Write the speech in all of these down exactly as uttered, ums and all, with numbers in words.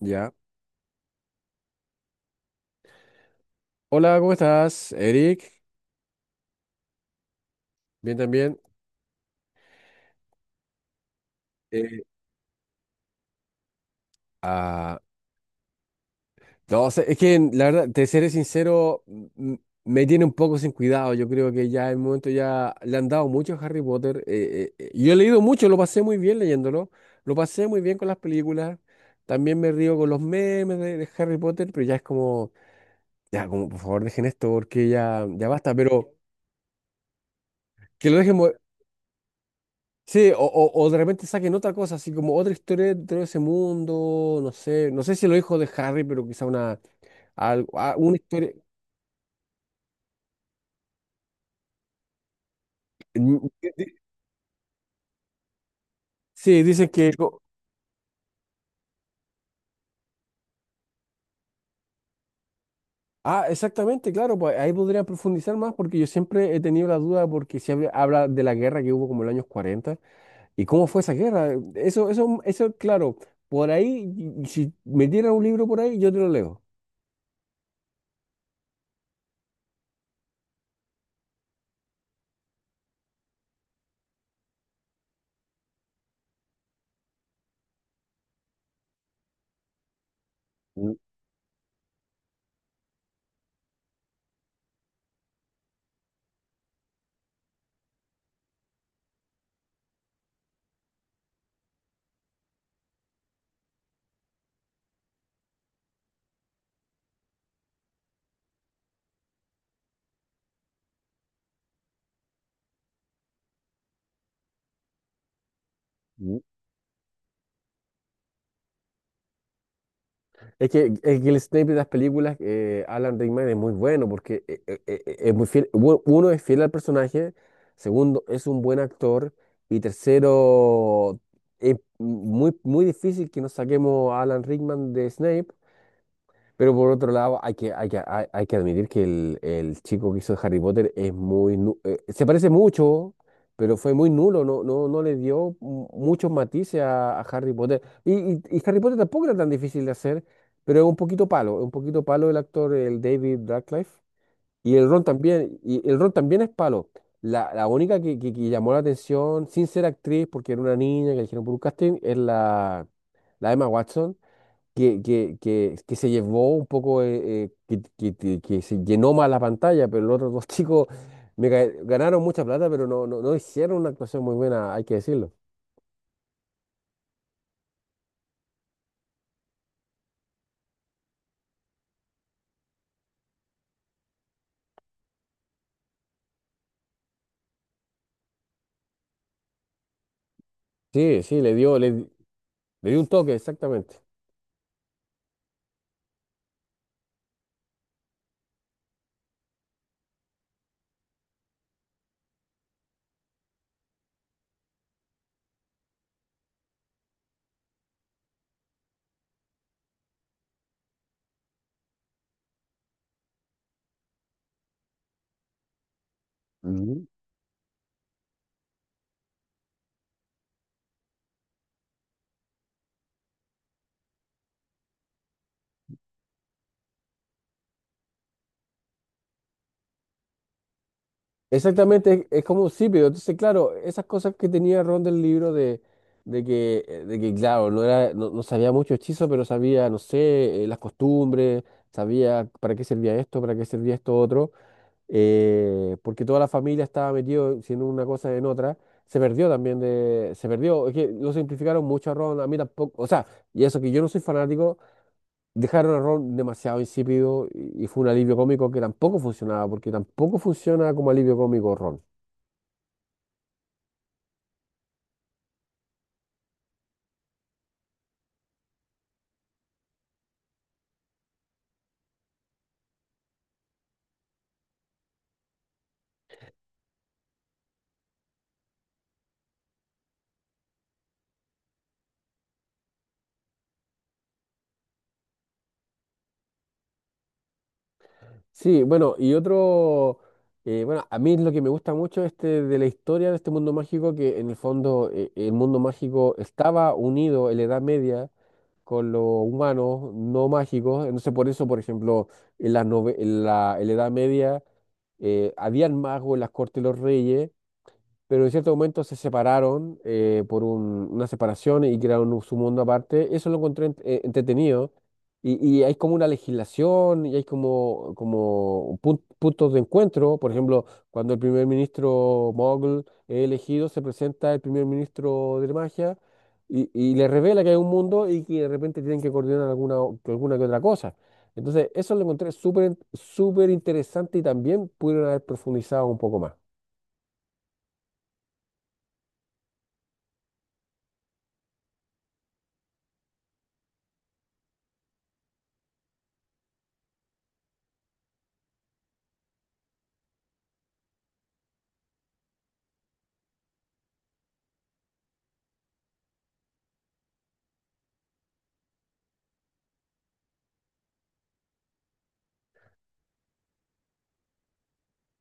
Ya. Hola, ¿cómo estás, Eric? Bien también. Eh, ah, no, o sea, es que la verdad, te seré sincero, m- m- me tiene un poco sin cuidado. Yo creo que ya en el momento ya le han dado mucho a Harry Potter. Eh, eh, eh, yo he leído mucho, lo pasé muy bien leyéndolo. Lo pasé muy bien con las películas. También me río con los memes de, de Harry Potter, pero ya es como, ya, como, por favor, dejen esto porque ya, ya basta. Pero que lo dejen. Sí, o, o, o de repente saquen otra cosa, así como otra historia dentro de ese mundo, no sé, no sé si lo dijo de Harry, pero quizá una, algo, ah, una historia. Mm, di- di- Sí, dicen que. co- Ah, exactamente, claro, pues ahí podría profundizar más porque yo siempre he tenido la duda porque se habla, habla de la guerra que hubo como en los años cuarenta y cómo fue esa guerra. eh, Eso, eso, eso, claro, por ahí, y- y si me dieran un libro por ahí, yo te lo leo. Mm, mm. Es que, es que el Snape de las películas, eh, Alan Rickman, es muy bueno porque eh, eh, eh, eh, es muy fiel. u- Uno es fiel al personaje, segundo es un buen actor y tercero es muy, muy difícil que nos saquemos a Alan Rickman de Snape, pero por otro lado, hay que, hay que, hay, hay que admitir que el, el chico que hizo Harry Potter es muy, nu- eh, se parece mucho, pero fue muy nulo, no, no, no le dio mu- muchos matices a, a Harry Potter. Y, y, y Harry Potter tampoco era tan difícil de hacer, pero es un poquito palo, es un poquito palo el actor, el David Radcliffe. Y el Ron también, y el Ron también es palo. La, la única que, que, que llamó la atención, sin ser actriz, porque era una niña que eligieron por un casting, es la, la Emma Watson que, que, que, que se llevó un poco, eh, eh, que, que- que- que se llenó más la pantalla, pero los otros dos chicos me ga- ganaron mucha plata, pero no, no, no hicieron una actuación muy buena, hay que decirlo. Sí, sí, le dio, le, le dio un toque, exactamente. Ujú. Exactamente, es, es como sí, pero entonces, claro, esas cosas que tenía Ron del libro de, de que, eh, de que, claro, no era, no, no sabía mucho hechizo, pero sabía, no sé, eh, las costumbres, sabía para qué servía esto, para qué servía esto otro. Eh, porque toda la familia estaba metido, si en una cosa, en otra. Se perdió también de, se perdió, es que lo simplificaron mucho a Ron, a mí tampoco, o sea, y eso que yo no soy fanático, dejaron a Ron demasiado insípido y, y fue un alivio cómico que tampoco funcionaba, porque tampoco funciona como alivio cómico Ron. Sí, bueno, y otro, eh, bueno, a mí lo que me gusta mucho este de la historia de este mundo mágico, que en el fondo eh, el mundo mágico estaba unido en la Edad Media con los humanos no mágicos. Entonces, por eso, por ejemplo, en la, en la, en la Edad Media eh, habían magos en las cortes de los reyes, pero en cierto momento se separaron, eh, por un- una separación y crearon un- su mundo aparte. Eso lo encontré ent- eh, entretenido. Y, y hay como una legislación y hay como, como pun- puntos de encuentro. Por ejemplo, cuando el primer ministro Mogul es elegido, se presenta el primer ministro de magia y, y le revela que hay un mundo y que de repente tienen que coordinar alguna, o- alguna que otra cosa. Entonces, eso lo encontré súper, súper interesante y también pudieron haber profundizado un poco más.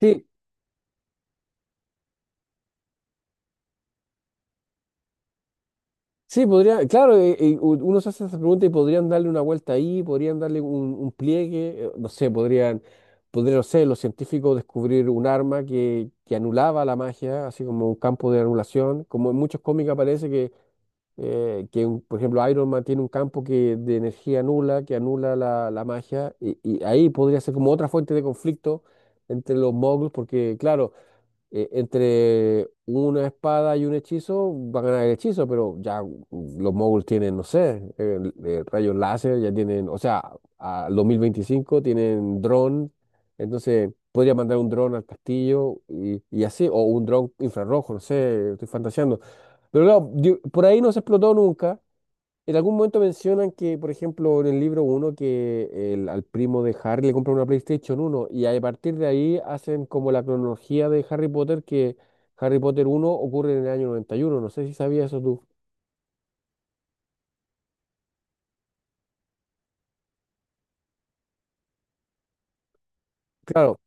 Sí. Sí, podría, claro, eh, eh, u- uno se hace esa pregunta y podrían darle una vuelta ahí, podrían darle un, un pliegue, eh, no sé, podrían, podrían, no sé, los científicos descubrir un arma que, que anulaba la magia, así como un campo de anulación, como en muchos cómics aparece que, eh, que un- por ejemplo, Iron Man tiene un campo que, de energía nula, que anula la, la magia, y, y ahí podría ser como otra fuente de conflicto entre los moguls, porque claro, eh, entre una espada y un hechizo, va a ganar el hechizo, pero ya mm, los moguls tienen, no sé, eh, eh, rayos láser, ya tienen, o sea, al dos mil veinticinco tienen dron, entonces podría mandar un dron al castillo y, y así, o un dron infrarrojo, no sé, estoy fantaseando. Pero claro, di- por ahí no se explotó nunca. En algún momento mencionan que, por ejemplo, en el libro uno que el, al primo de Harry le compra una PlayStation uno y a partir de ahí hacen como la cronología de Harry Potter, que Harry Potter uno ocurre en el año noventa y uno. No sé si sabías eso tú. Claro.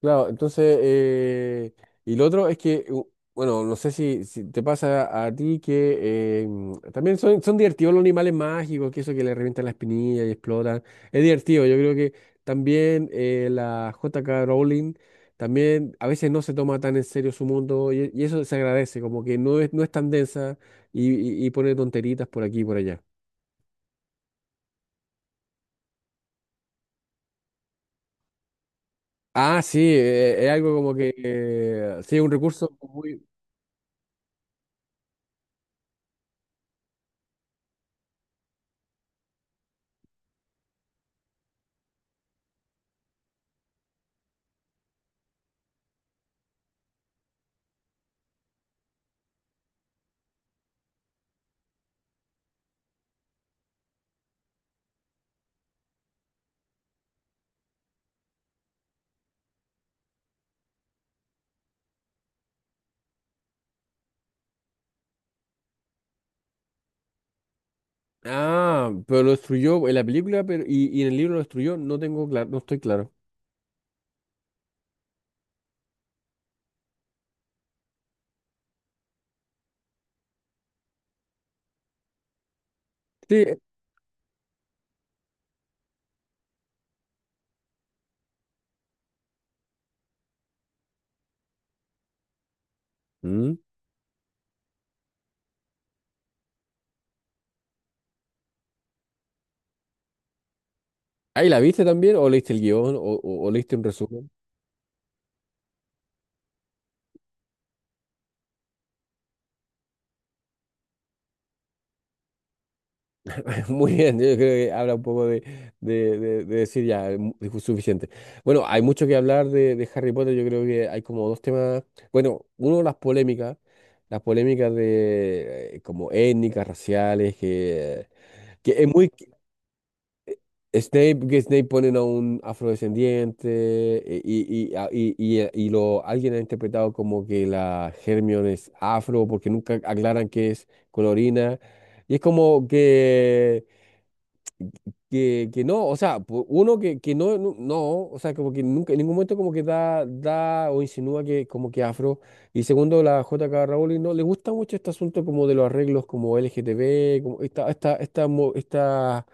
Claro, entonces, eh, y lo otro es que, u- bueno, no sé si, si te pasa a ti que eh, mm, también son, son divertidos los animales mágicos, que eso que le revientan la espinilla y explotan. Es divertido, yo creo que también eh, la J K. Rowling también a veces no se toma tan en serio su mundo y, y eso se agradece, como que no es, no es tan densa y, y, y pone tonteritas por aquí y por allá. Ah, sí, eh, es algo como que, eh, sí, un recurso muy. Ah, pero lo destruyó en la película pero, y, y en el libro lo destruyó. No tengo claro, no estoy claro. Sí. Mm. ¿Ahí la viste también? ¿O leíste el guión? ¿O, o- o leíste un resumen? Muy bien, yo creo que habla un poco de, de- de- de decir ya, mu- dijo suficiente. Bueno, hay mucho que hablar de, de Harry Potter. Yo creo que hay como dos temas. Bueno, uno, las polémicas. Las polémicas de eh, como étnicas, raciales, que, que es muy, Snape, que Snape ponen a un afrodescendiente eh, y, y, a- y- y, eh, y lo, alguien ha interpretado como que la Hermione es afro porque nunca aclaran que es colorina. Y es como que que, que no, o sea, pu- uno que, que no, no, no, o sea, como que nunca, en ningún momento como que da, da o insinúa que como que afro, y segundo, la J K Rowling no le gusta mucho este asunto como de los arreglos como L G L G T B, como esta, esta, esta, mo- esta,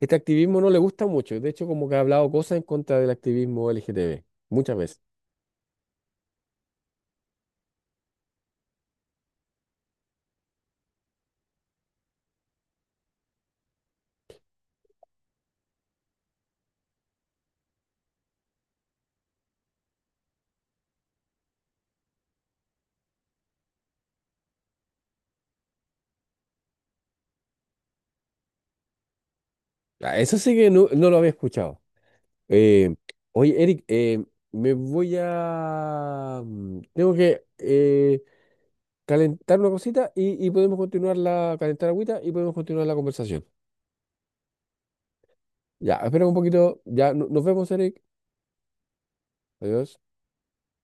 este activismo no le gusta mucho, de hecho como que ha hablado cosas en contra del activismo L G T B muchas veces. Ah, eso sí que no, no lo había escuchado. Eh, oye, Eric, eh, me voy a. mm, Tengo que. Eh, calentar una cosita y, y podemos continuar la, calentar agüita y podemos continuar la conversación. Ya, espera un poquito. Ya, no- nos vemos, Eric. Adiós.